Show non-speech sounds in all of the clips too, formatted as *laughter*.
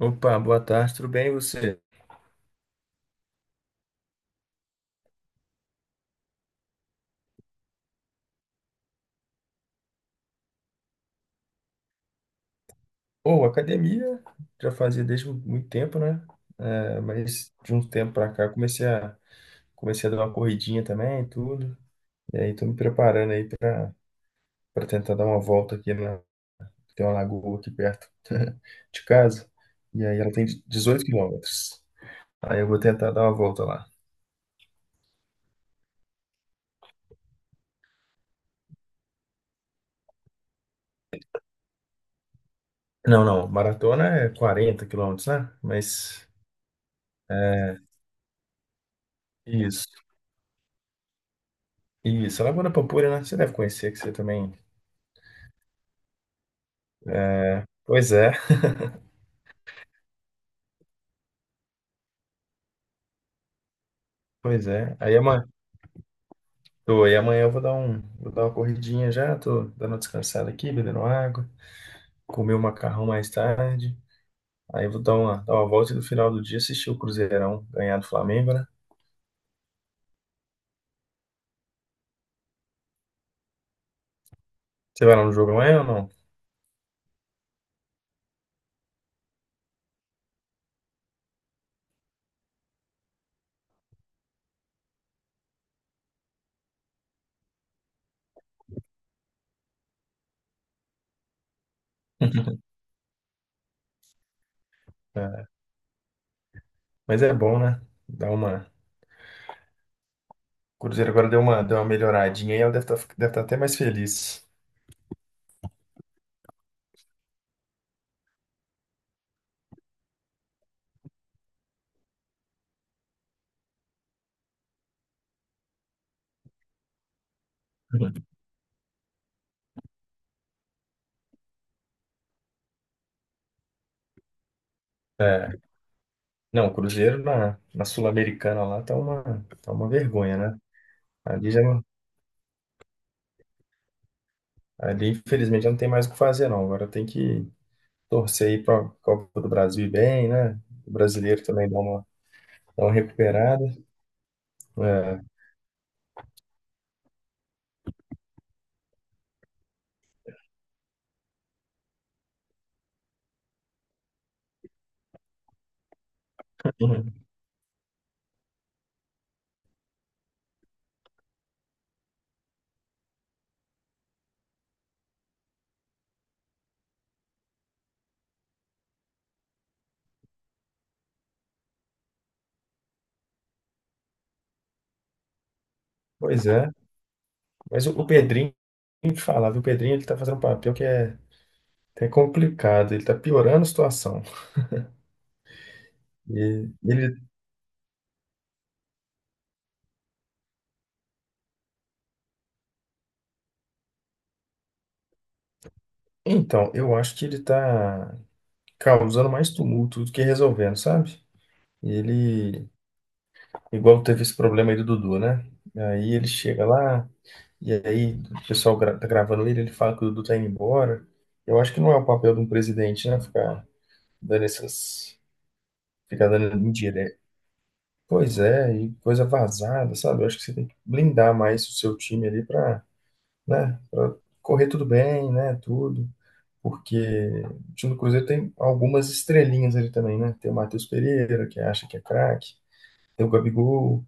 Opa, boa tarde, tudo bem e você? Pô, academia já fazia desde muito tempo, né? É, mas de um tempo pra cá comecei a dar uma corridinha também, e tudo. E aí tô me preparando aí pra para tentar dar uma volta aqui na tem uma lagoa aqui perto *laughs* de casa. E aí ela tem 18 km. Aí eu vou tentar dar uma volta lá. Não, não, maratona é 40 km, né? Mas isso. Isso, a Lagoa da Pampulha, né? Você deve conhecer, que você também é. Pois é, pois é. Aí amanhã eu vou dar uma corridinha já, tô dando uma descansada aqui, bebendo água, comer o macarrão mais tarde. Aí eu vou dar uma volta e no final do dia assistir o Cruzeirão ganhar do Flamengo, né? Você vai lá no jogo amanhã ou não? *laughs* É. Mas é bom, né? Dá uma. O Cruzeiro agora deu uma melhoradinha e ela deve tá até mais feliz. *laughs* É. Não, o Cruzeiro na, Sul-Americana lá tá uma vergonha, né? Ali já não, ali infelizmente já não tem mais o que fazer, não. Agora tem que torcer aí para a Copa do Brasil ir bem, né? O brasileiro também dá uma recuperada. É. Uhum. Pois é. Mas o Pedrinho, tem que falar, viu? O Pedrinho ele tá fazendo um papel que é complicado, ele tá piorando a situação. E ele, então, eu acho que ele tá causando mais tumulto do que resolvendo, sabe? Ele, Igual teve esse problema aí do Dudu, né? Aí ele chega lá. E aí, o pessoal gra tá gravando ele fala que o Dudu tá indo embora. Eu acho que não é o papel de um presidente, né? Ficar dando essas. Ficar dando indireta. Pois é, e coisa vazada, sabe? Eu acho que você tem que blindar mais o seu time ali pra, né? Pra correr tudo bem, né? Tudo. Porque o time do Cruzeiro tem algumas estrelinhas ali também, né? Tem o Matheus Pereira, que acha que é craque. Tem o Gabigol.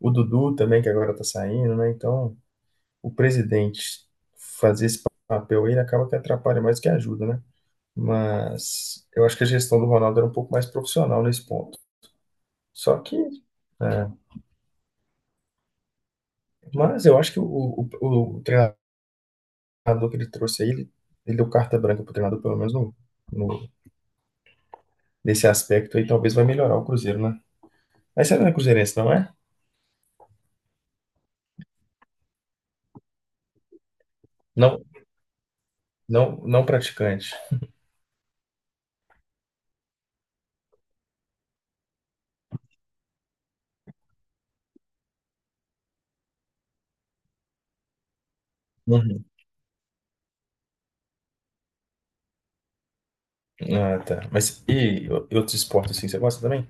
O Dudu também, que agora tá saindo, né? Então, o presidente fazer esse papel aí, ele acaba que atrapalha mais que ajuda, né? Mas eu acho que a gestão do Ronaldo era um pouco mais profissional nesse ponto. Só que, é, mas eu acho que o treinador que ele trouxe aí, ele deu carta branca pro treinador, pelo menos no- nesse aspecto aí, talvez vai melhorar o Cruzeiro, né? Mas você não é cruzeirense, não é? Não, não, não praticante. Uhum. Ah, tá. Mas e outros esportes assim, você gosta também?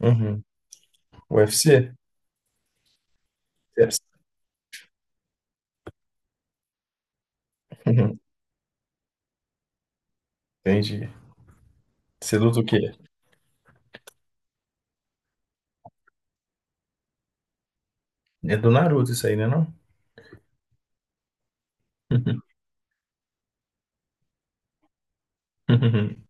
Uhum. UFC? Uhum. Entendi. Você luta o quê? É do Naruto isso aí, né, não? *laughs* Uhum.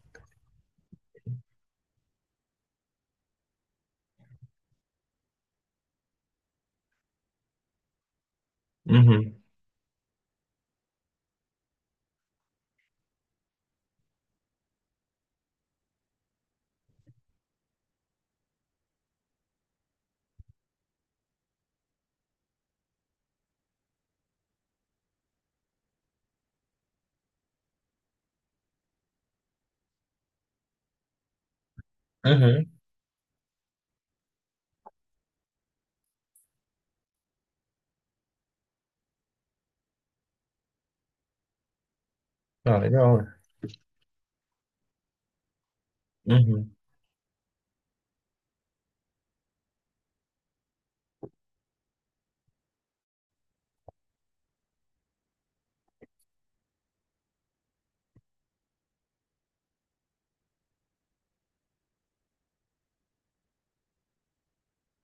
Uhum. Uhum. Uhum. Ah, legal, né? Uhum.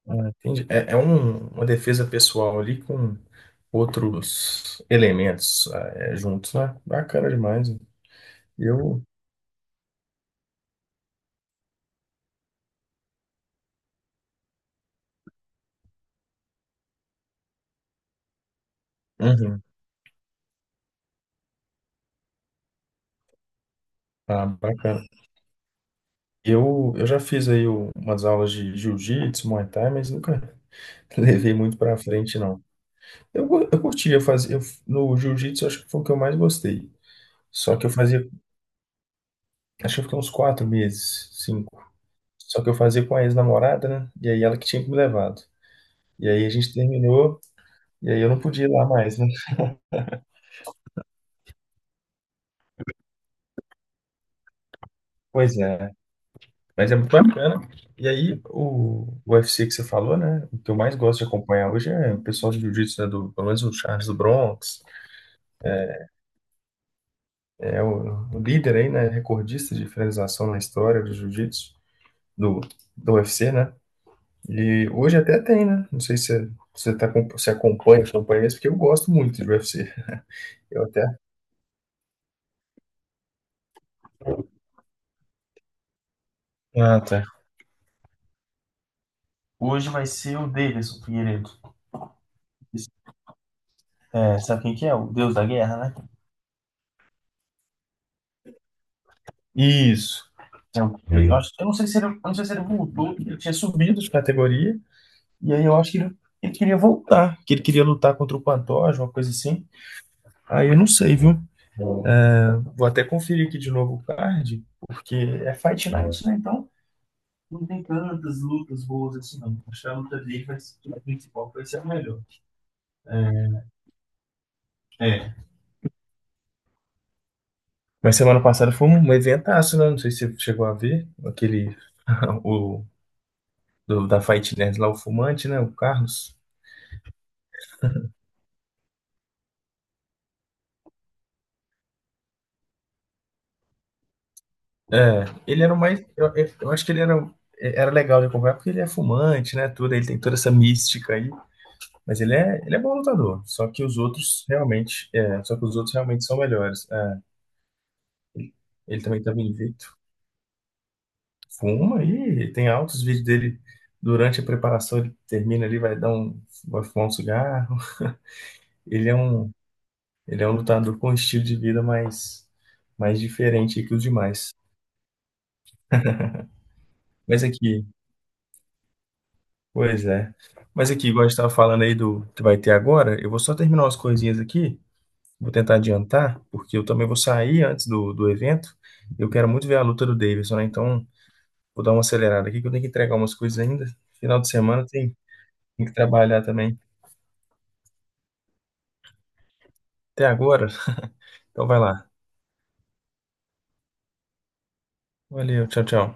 Ah, entendi. É, uma defesa pessoal ali com outros elementos juntos, né? Bacana demais, né? Eu. Uhum. Ah, bacana. Eu já fiz aí umas aulas de jiu-jitsu, Muay Thai, mas nunca *laughs* levei muito pra frente, não. Eu curtia fazer. No jiu-jitsu, eu acho que foi o que eu mais gostei. Só que eu fazia. Acho que eu fiquei uns 4 meses, cinco. Só que eu fazia com a ex-namorada, né? E aí ela que tinha que me levado. E aí a gente terminou, e aí eu não podia ir lá mais, né? Pois é. Mas é muito bacana. E aí o UFC que você falou, né? O que eu mais gosto de acompanhar hoje é o pessoal de jiu-jitsu, né? Do, pelo menos o Charles do Bronx. É o líder aí, né? Recordista de finalização na história do jiu-jitsu, do, do UFC, né? E hoje até tem, né? Não sei se você, tá, se acompanha, isso, porque eu gosto muito de UFC. Eu até. Ah, tá. Hoje vai ser o Davidson Figueiredo. É, sabe quem que é? O deus da guerra, né? Isso. Legal. Eu não sei se ele, eu não sei se ele voltou, porque ele tinha subido de categoria, e aí eu acho que ele queria voltar, que ele queria lutar contra o Pantoja, uma coisa assim. Aí eu não sei, viu? É, vou até conferir aqui de novo o card, porque é Fight Night, né? Então não tem tantas lutas boas assim, não. Acho que a luta dele vai ser, a principal vai ser a melhor. É, é, Mas semana passada foi um eventaço, né? Não sei se você chegou a ver aquele *laughs* o da Fight Nerd lá, o fumante, né? O Carlos. É, ele era o mais. Eu acho que ele era legal de acompanhar porque ele é fumante, né? Tudo, ele tem toda essa mística aí. Mas ele é bom lutador. Só que os outros realmente. É, só que os outros realmente são melhores. É, ele também estava invicto. Fuma e tem altos vídeos dele durante a preparação. Ele termina ali, vai fumar um cigarro. Ele é um. Ele é um lutador com um estilo de vida mais diferente que os demais. Mas aqui, pois é. Mas aqui, igual a gente estava falando aí do que vai ter agora, eu vou só terminar umas coisinhas aqui. Vou tentar adiantar, porque eu também vou sair antes do evento. Eu quero muito ver a luta do Davidson, né? Então, vou dar uma acelerada aqui, que eu tenho que entregar umas coisas ainda. Final de semana tem que trabalhar também. Até agora. Então, vai lá. Valeu, tchau, tchau.